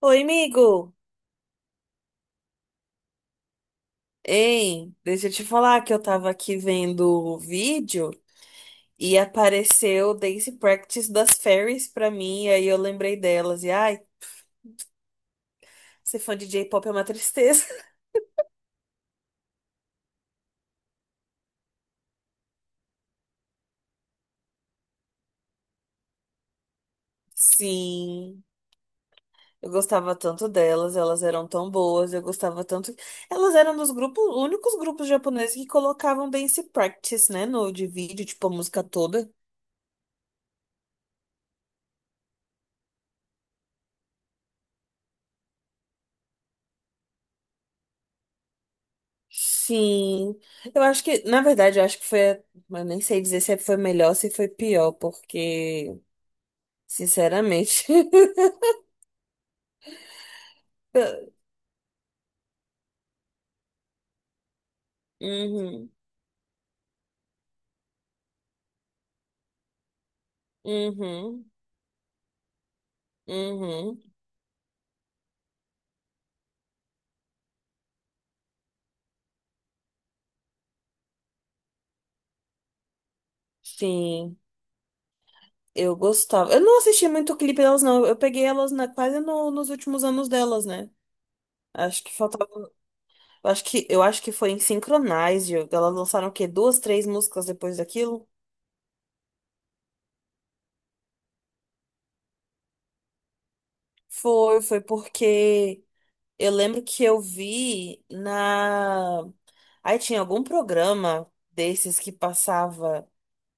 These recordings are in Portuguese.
Oi, amigo! Ei, deixa eu te falar que eu tava aqui vendo o vídeo e apareceu Dance Practice das Fairies pra mim, e aí eu lembrei delas. E ai, ser fã de J-pop é uma tristeza. Sim, eu gostava tanto delas, elas eram tão boas, eu gostava tanto. Elas eram dos únicos grupos japoneses que colocavam Dance Practice, né, no de vídeo, tipo a música toda. Sim, eu acho que, na verdade, eu acho que foi, eu nem sei dizer se foi melhor ou se foi pior, porque, sinceramente. Uhum. Uhum. Uhum. Sim, eu gostava. Eu não assisti muito clipe delas, não, eu peguei elas na, quase no- nos últimos anos delas, né? Acho que faltava, eu acho que foi em Synchronize, elas lançaram o quê? Duas, três músicas depois daquilo? Foi porque eu lembro que eu vi na. Aí tinha algum programa desses que passava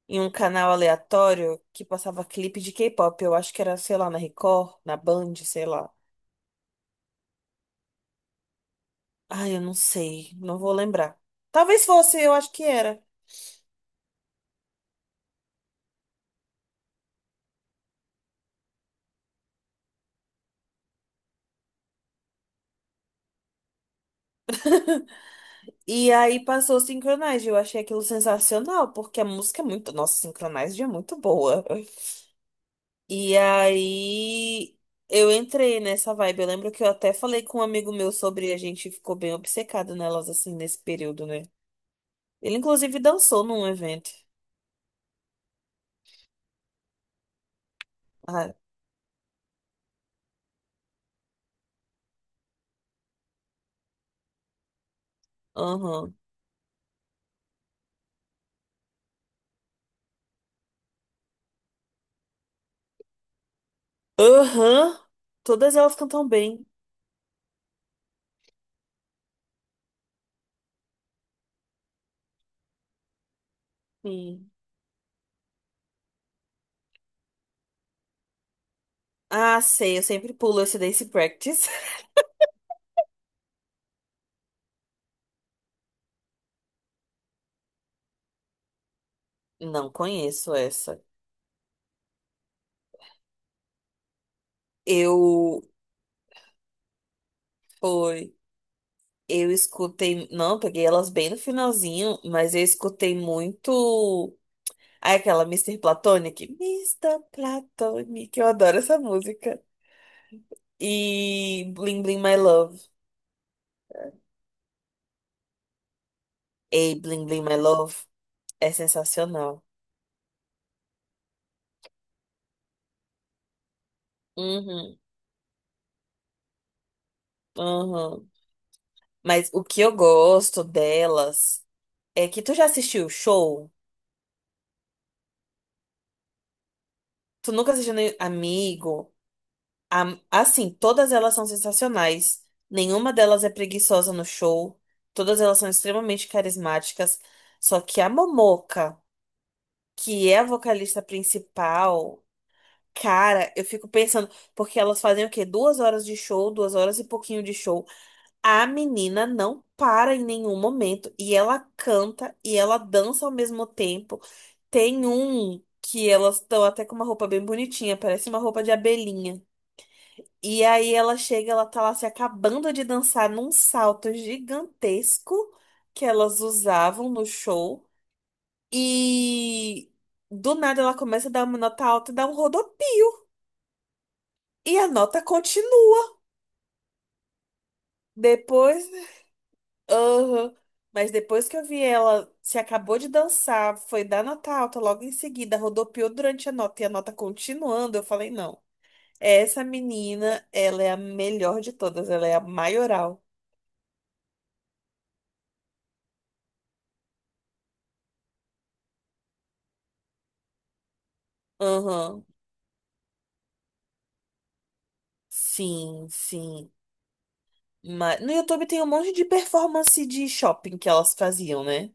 em um canal aleatório que passava clipe de K-pop. Eu acho que era, sei lá, na Record, na Band, sei lá. Ai, eu não sei, não vou lembrar. Talvez fosse, eu acho que era. E aí passou o Synchronize, eu achei aquilo sensacional, porque a música é muito. Nossa, Synchronize é muito boa. E aí eu entrei nessa vibe. Eu lembro que eu até falei com um amigo meu sobre, a gente ficou bem obcecado nelas assim nesse período, né? Ele inclusive dançou num evento. Ah, aham. Aham. Todas elas cantam bem. Sim. Ah, sei, eu sempre pulo esse Dance Practice. Não conheço essa. Eu foi, eu escutei, não, peguei elas bem no finalzinho, mas eu escutei muito. Aí aquela Mister Platonic. Mister Platonic, eu adoro essa música. E Bling Bling My Love. Ei, Bling Bling My Love é sensacional. Uhum, uhum. Mas o que eu gosto delas é que tu já assistiu o show? Tu nunca assistiu nem Amigo? Assim, todas elas são sensacionais. Nenhuma delas é preguiçosa no show. Todas elas são extremamente carismáticas. Só que a Momoca, que é a vocalista principal. Cara, eu fico pensando, porque elas fazem o quê? 2 horas de show, 2 horas e pouquinho de show. A menina não para em nenhum momento. E ela canta e ela dança ao mesmo tempo. Tem um que elas estão até com uma roupa bem bonitinha, parece uma roupa de abelhinha. E aí ela chega, ela tá lá se acabando de dançar num salto gigantesco que elas usavam no show. E do nada ela começa a dar uma nota alta e dá um rodopio. E a nota continua. Depois, aham. Mas depois que eu vi ela, se acabou de dançar, foi dar nota alta logo em seguida, rodopiou durante a nota e a nota continuando, eu falei, não. Essa menina, ela é a melhor de todas, ela é a maioral. Aham. Sim, sim. Mas no YouTube tem um monte de performance de shopping que elas faziam, né?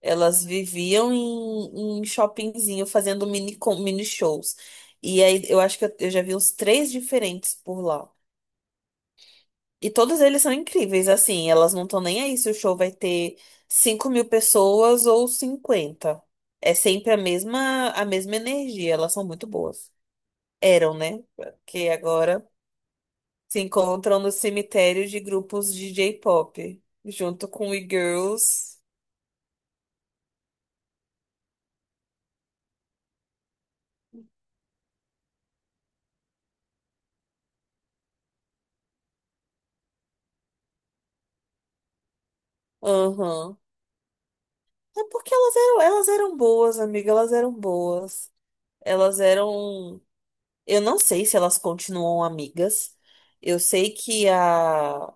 Elas viviam em, em shoppingzinho fazendo mini, mini shows. E aí eu acho que eu já vi uns três diferentes por lá. E todos eles são incríveis, assim, elas não estão nem aí se o show vai ter 5.000 pessoas ou 50. É sempre a mesma energia, elas são muito boas. Eram, né? Porque agora se encontram no cemitério de grupos de J-pop, junto com e-girls. Aham. É porque elas eram boas, amiga, elas eram boas. Elas eram. Eu não sei se elas continuam amigas. Eu sei que a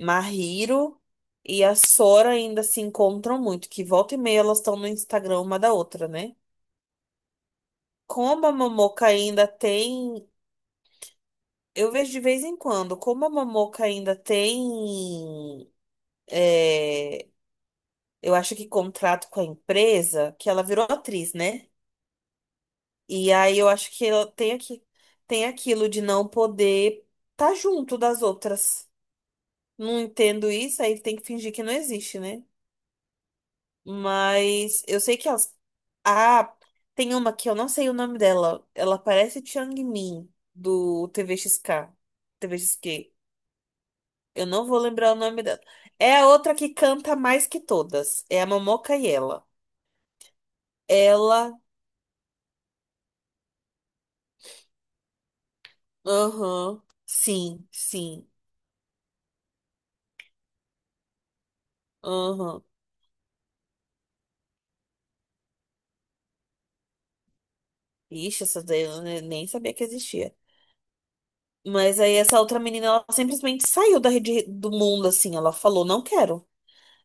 Mahiro e a Sora ainda se encontram muito, que volta e meia elas estão no Instagram uma da outra, né? Como a Momoca ainda tem. Eu vejo de vez em quando, como a Momoca ainda tem. É, eu acho que contrato com a empresa, que ela virou atriz, né? E aí eu acho que ela tem aqui, tem aquilo de não poder estar junto das outras. Não entendo isso, aí tem que fingir que não existe, né? Mas eu sei que elas. Ah, tem uma que eu não sei o nome dela. Ela parece Chang Min, do TVXK. TVXQ. Eu não vou lembrar o nome dela. É a outra que canta mais que todas. É a Momoca e ela. Ela. Aham. Sim, sim. Aham. Ixi, essa daí eu nem sabia que existia. Mas aí essa outra menina, ela simplesmente saiu da rede do mundo, assim. Ela falou, não quero.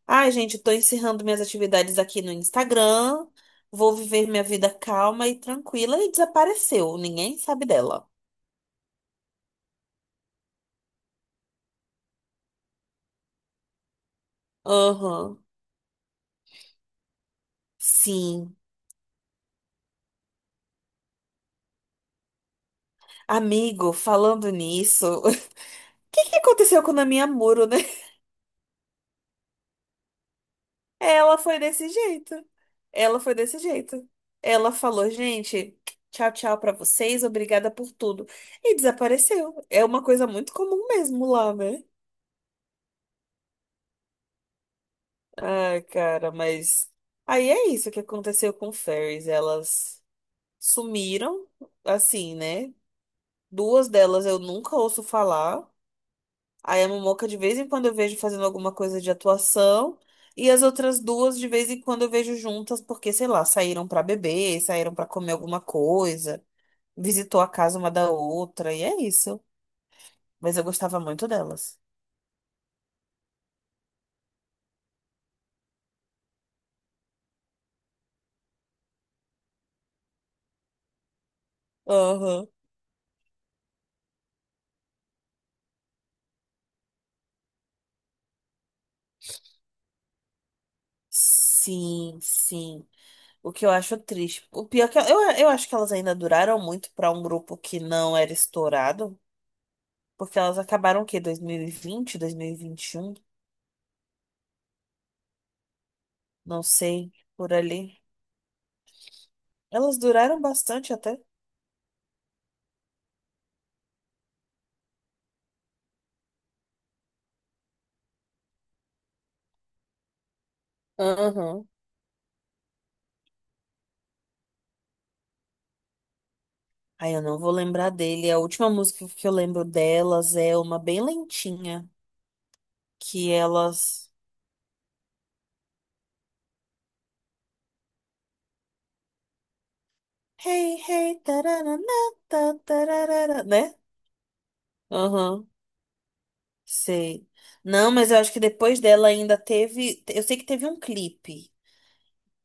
Ai, gente, tô encerrando minhas atividades aqui no Instagram. Vou viver minha vida calma e tranquila e desapareceu. Ninguém sabe dela. Aham. Sim. Amigo, falando nisso, o que que aconteceu com a minha Muro, né? Ela foi desse jeito. Ela foi desse jeito. Ela falou, gente, tchau, tchau pra vocês, obrigada por tudo. E desapareceu. É uma coisa muito comum mesmo lá, né? Ai, cara, mas aí é isso que aconteceu com Fairies. Elas sumiram, assim, né? Duas delas eu nunca ouço falar. Aí a Momoca de vez em quando eu vejo fazendo alguma coisa de atuação. E as outras duas de vez em quando eu vejo juntas, porque, sei lá, saíram pra beber, saíram pra comer alguma coisa, visitou a casa uma da outra, e é isso. Mas eu gostava muito delas. Aham. Sim, sim. O que eu acho triste. O pior é que eu acho que elas ainda duraram muito pra um grupo que não era estourado, porque elas acabaram o quê? 2020, 2021. Não sei, por ali. Elas duraram bastante até. Aham. Ai, eu não vou lembrar dele. A última música que eu lembro delas é uma bem lentinha, que elas Hey, hey, tararana, ta, tararara, né? Aham, sei. Não, mas eu acho que depois dela ainda teve, eu sei que teve um clipe.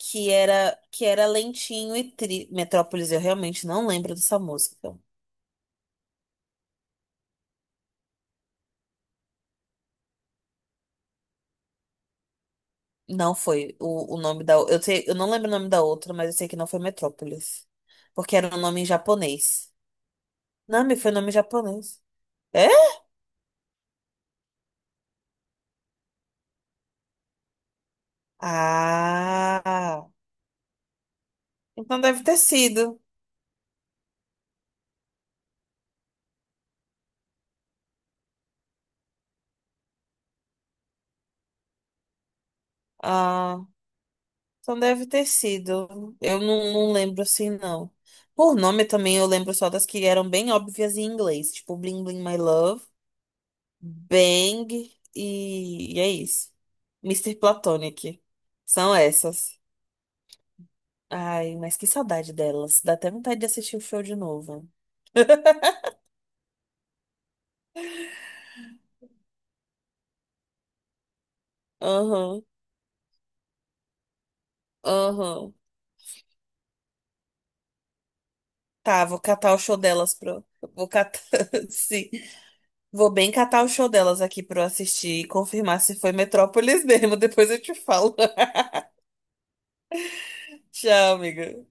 Que era que era lentinho e tri... Metrópolis, eu realmente não lembro dessa música. Não foi o nome da. Eu sei, eu não lembro o nome da outra, mas eu sei que não foi Metrópolis. Porque era um nome em japonês. Não, me foi nome em japonês. É? Ah! Então deve ter sido. Ah, então deve ter sido. Eu não, não lembro assim, não. Por nome também eu lembro só das que eram bem óbvias em inglês, tipo Bling Bling My Love. Bang e é isso. Mister Platonic. São essas. Ai, mas que saudade delas. Dá até vontade de assistir o show de novo. Aham, aham. Tá, vou catar o show delas pro. Vou catar. Sim. Vou bem catar o show delas aqui pra eu assistir e confirmar se foi Metrópolis mesmo. Depois eu te falo. Tchau, amiga.